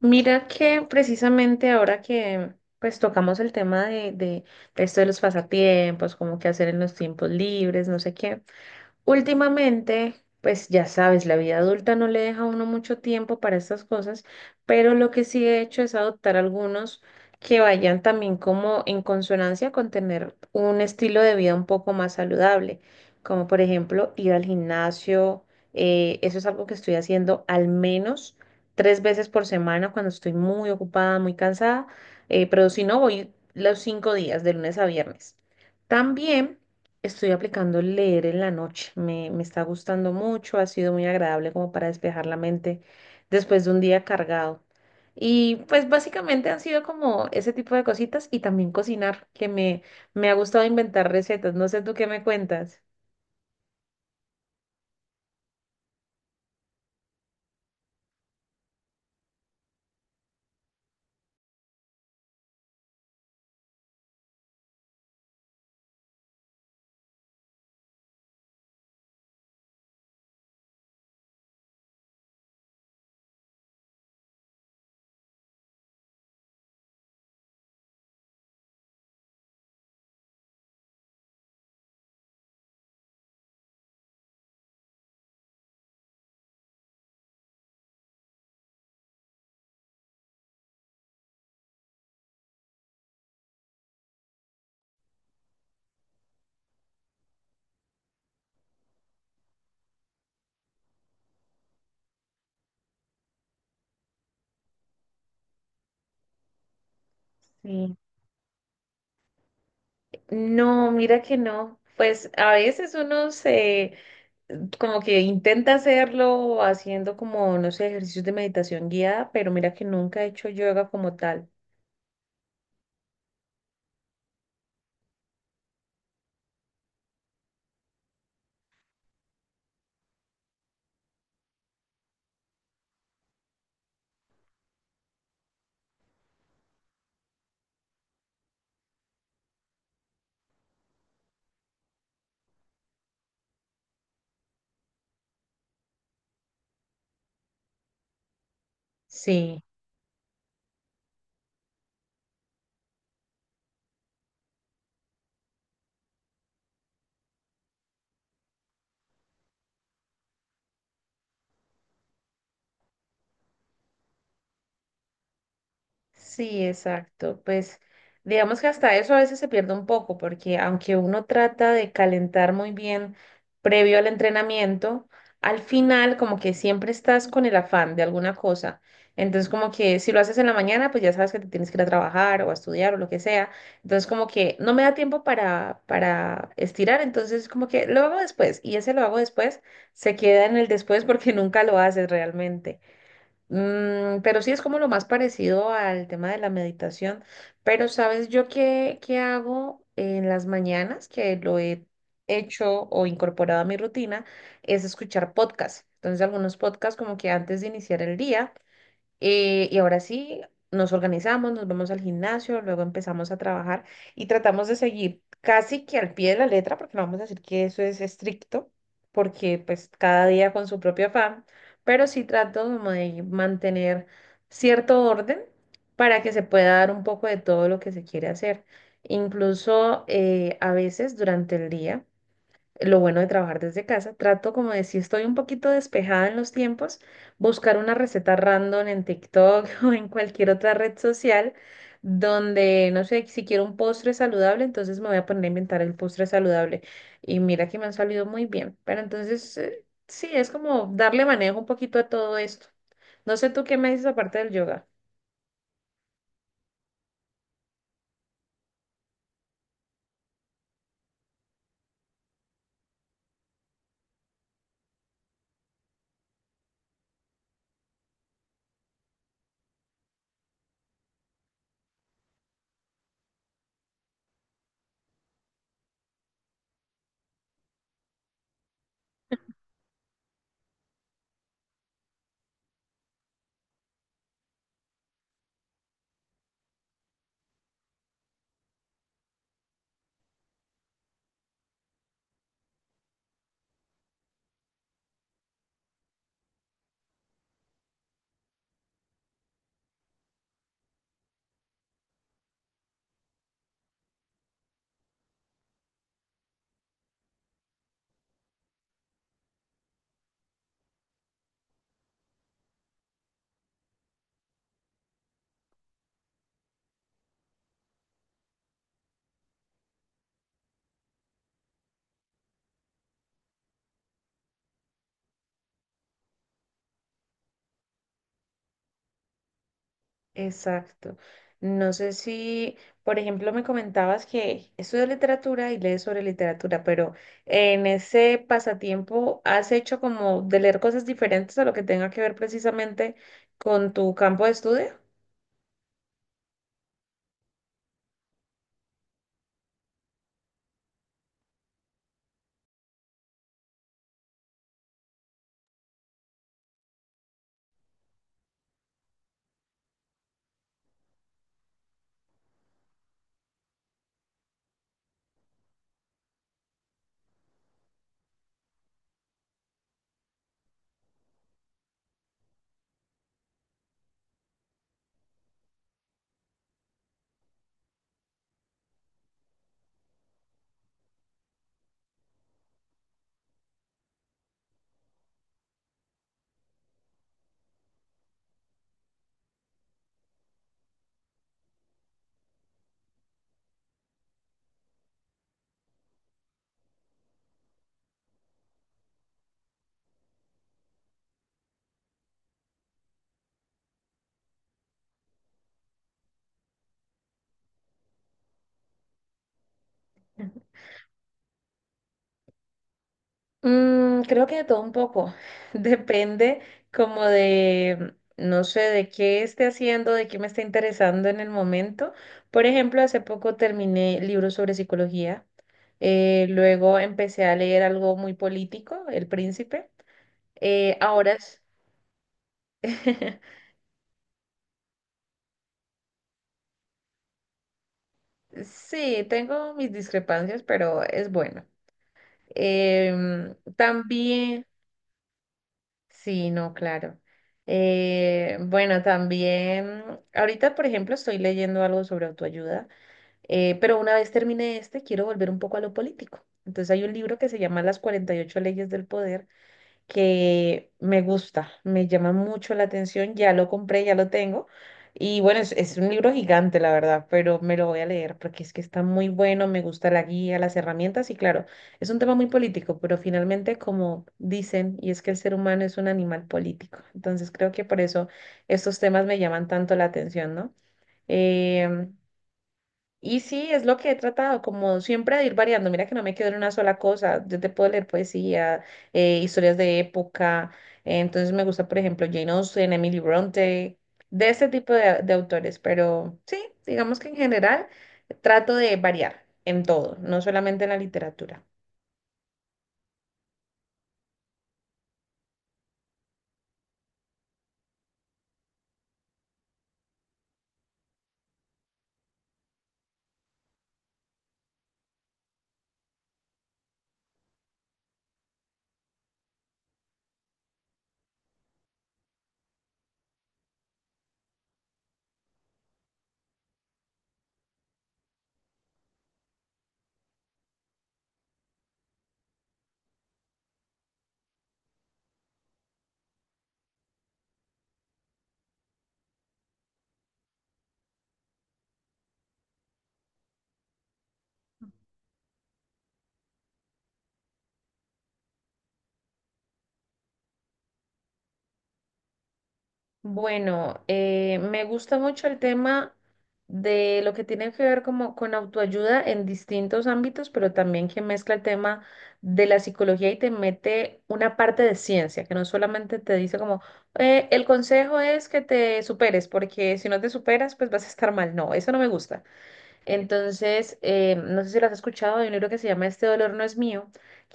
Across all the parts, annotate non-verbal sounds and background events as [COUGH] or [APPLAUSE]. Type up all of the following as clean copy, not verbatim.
Mira que precisamente ahora que pues tocamos el tema de esto de los pasatiempos, como qué hacer en los tiempos libres, no sé qué. Últimamente, pues ya sabes, la vida adulta no le deja a uno mucho tiempo para estas cosas, pero lo que sí he hecho es adoptar algunos que vayan también como en consonancia con tener un estilo de vida un poco más saludable, como por ejemplo ir al gimnasio, eso es algo que estoy haciendo al menos tres veces por semana cuando estoy muy ocupada, muy cansada, pero si no, voy los cinco días, de lunes a viernes. También... Estoy aplicando leer en la noche. Me está gustando mucho, ha sido muy agradable como para despejar la mente después de un día cargado. Y pues básicamente han sido como ese tipo de cositas y también cocinar, que me ha gustado inventar recetas. No sé tú qué me cuentas. Sí. No, mira que no. Pues a veces uno se como que intenta hacerlo haciendo como, no sé, ejercicios de meditación guiada, pero mira que nunca he hecho yoga como tal. Sí. Sí, exacto. Pues digamos que hasta eso a veces se pierde un poco, porque aunque uno trata de calentar muy bien previo al entrenamiento, al final como que siempre estás con el afán de alguna cosa. Entonces como que si lo haces en la mañana, pues ya sabes que te tienes que ir a trabajar o a estudiar o lo que sea. Entonces como que no me da tiempo para estirar, entonces como que lo hago después y ese lo hago después se queda en el después porque [LAUGHS] nunca lo haces realmente. Mm, pero sí es como lo más parecido al tema de la meditación. Pero ¿sabes yo qué hago en las mañanas? Que lo he hecho o incorporado a mi rutina, es escuchar podcasts. Entonces algunos podcasts como que antes de iniciar el día. Y ahora sí, nos organizamos, nos vamos al gimnasio, luego empezamos a trabajar y tratamos de seguir casi que al pie de la letra, porque no vamos a decir que eso es estricto, porque pues cada día con su propio afán, pero sí trato como de mantener cierto orden para que se pueda dar un poco de todo lo que se quiere hacer. Incluso a veces durante el día lo bueno de trabajar desde casa, trato como de si estoy un poquito despejada en los tiempos, buscar una receta random en TikTok [LAUGHS] o en cualquier otra red social donde, no sé, si quiero un postre saludable, entonces me voy a poner a inventar el postre saludable. Y mira que me han salido muy bien. Pero entonces, sí, es como darle manejo un poquito a todo esto. No sé tú qué me dices aparte del yoga. Exacto. No sé si, por ejemplo, me comentabas que estudias literatura y lees sobre literatura, pero en ese pasatiempo has hecho como de leer cosas diferentes a lo que tenga que ver precisamente con tu campo de estudio. Mm, creo que de todo un poco. [LAUGHS] Depende como de, no sé, de qué esté haciendo, de qué me está interesando en el momento. Por ejemplo, hace poco terminé libros sobre psicología. Luego empecé a leer algo muy político, El Príncipe. Ahora es- [LAUGHS] sí, tengo mis discrepancias, pero es bueno. Em, también... Sí, no, claro. Bueno, también, ahorita, por ejemplo, estoy leyendo algo sobre autoayuda, pero una vez termine este, quiero volver un poco a lo político. Entonces hay un libro que se llama Las 48 leyes del poder, que me gusta, me llama mucho la atención, ya lo compré, ya lo tengo. Y bueno, es un libro gigante, la verdad, pero me lo voy a leer porque es que está muy bueno, me gusta la guía, las herramientas y claro, es un tema muy político, pero finalmente como dicen, y es que el ser humano es un animal político, entonces creo que por eso estos temas me llaman tanto la atención, ¿no? Em, y sí, es lo que he tratado, como siempre, de ir variando. Mira que no me quedo en una sola cosa. Yo te puedo leer poesía, historias de época. Eh, entonces me gusta, por ejemplo, Jane Austen, Emily Bronte, de ese tipo de autores. Pero sí, digamos que en general trato de variar en todo, no solamente en la literatura. Bueno, me gusta mucho el tema de lo que tiene que ver como con autoayuda en distintos ámbitos, pero también que mezcla el tema de la psicología y te mete una parte de ciencia, que no solamente te dice como, el consejo es que te superes, porque si no te superas, pues vas a estar mal". No, eso no me gusta. Entonces, no sé si lo has escuchado, hay un libro que se llama Este dolor no es mío,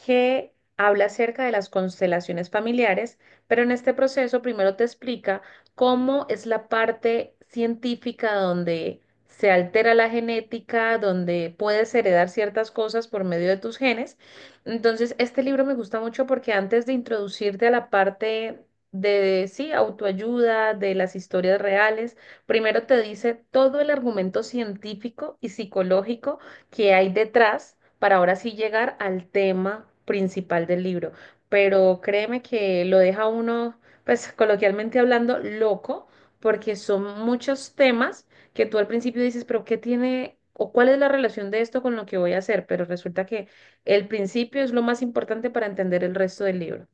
que habla acerca de las constelaciones familiares, pero en este proceso primero te explica cómo es la parte científica donde se altera la genética, donde puedes heredar ciertas cosas por medio de tus genes. Entonces, este libro me gusta mucho porque antes de introducirte a la parte de, sí, autoayuda, de las historias reales, primero te dice todo el argumento científico y psicológico que hay detrás para ahora sí llegar al tema principal del libro. Pero créeme que lo deja uno, pues coloquialmente hablando, loco, porque son muchos temas que tú al principio dices, pero ¿qué tiene o cuál es la relación de esto con lo que voy a hacer? Pero resulta que el principio es lo más importante para entender el resto del libro.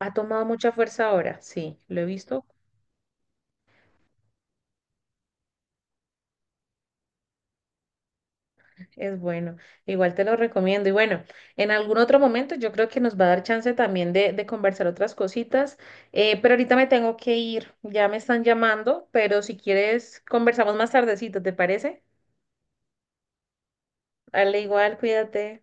Ha tomado mucha fuerza ahora, sí, lo he visto. Es bueno, igual te lo recomiendo. Y bueno, en algún otro momento yo creo que nos va a dar chance también de conversar otras cositas, pero ahorita me tengo que ir, ya me están llamando, pero si quieres conversamos más tardecito, ¿te parece? Dale igual, cuídate.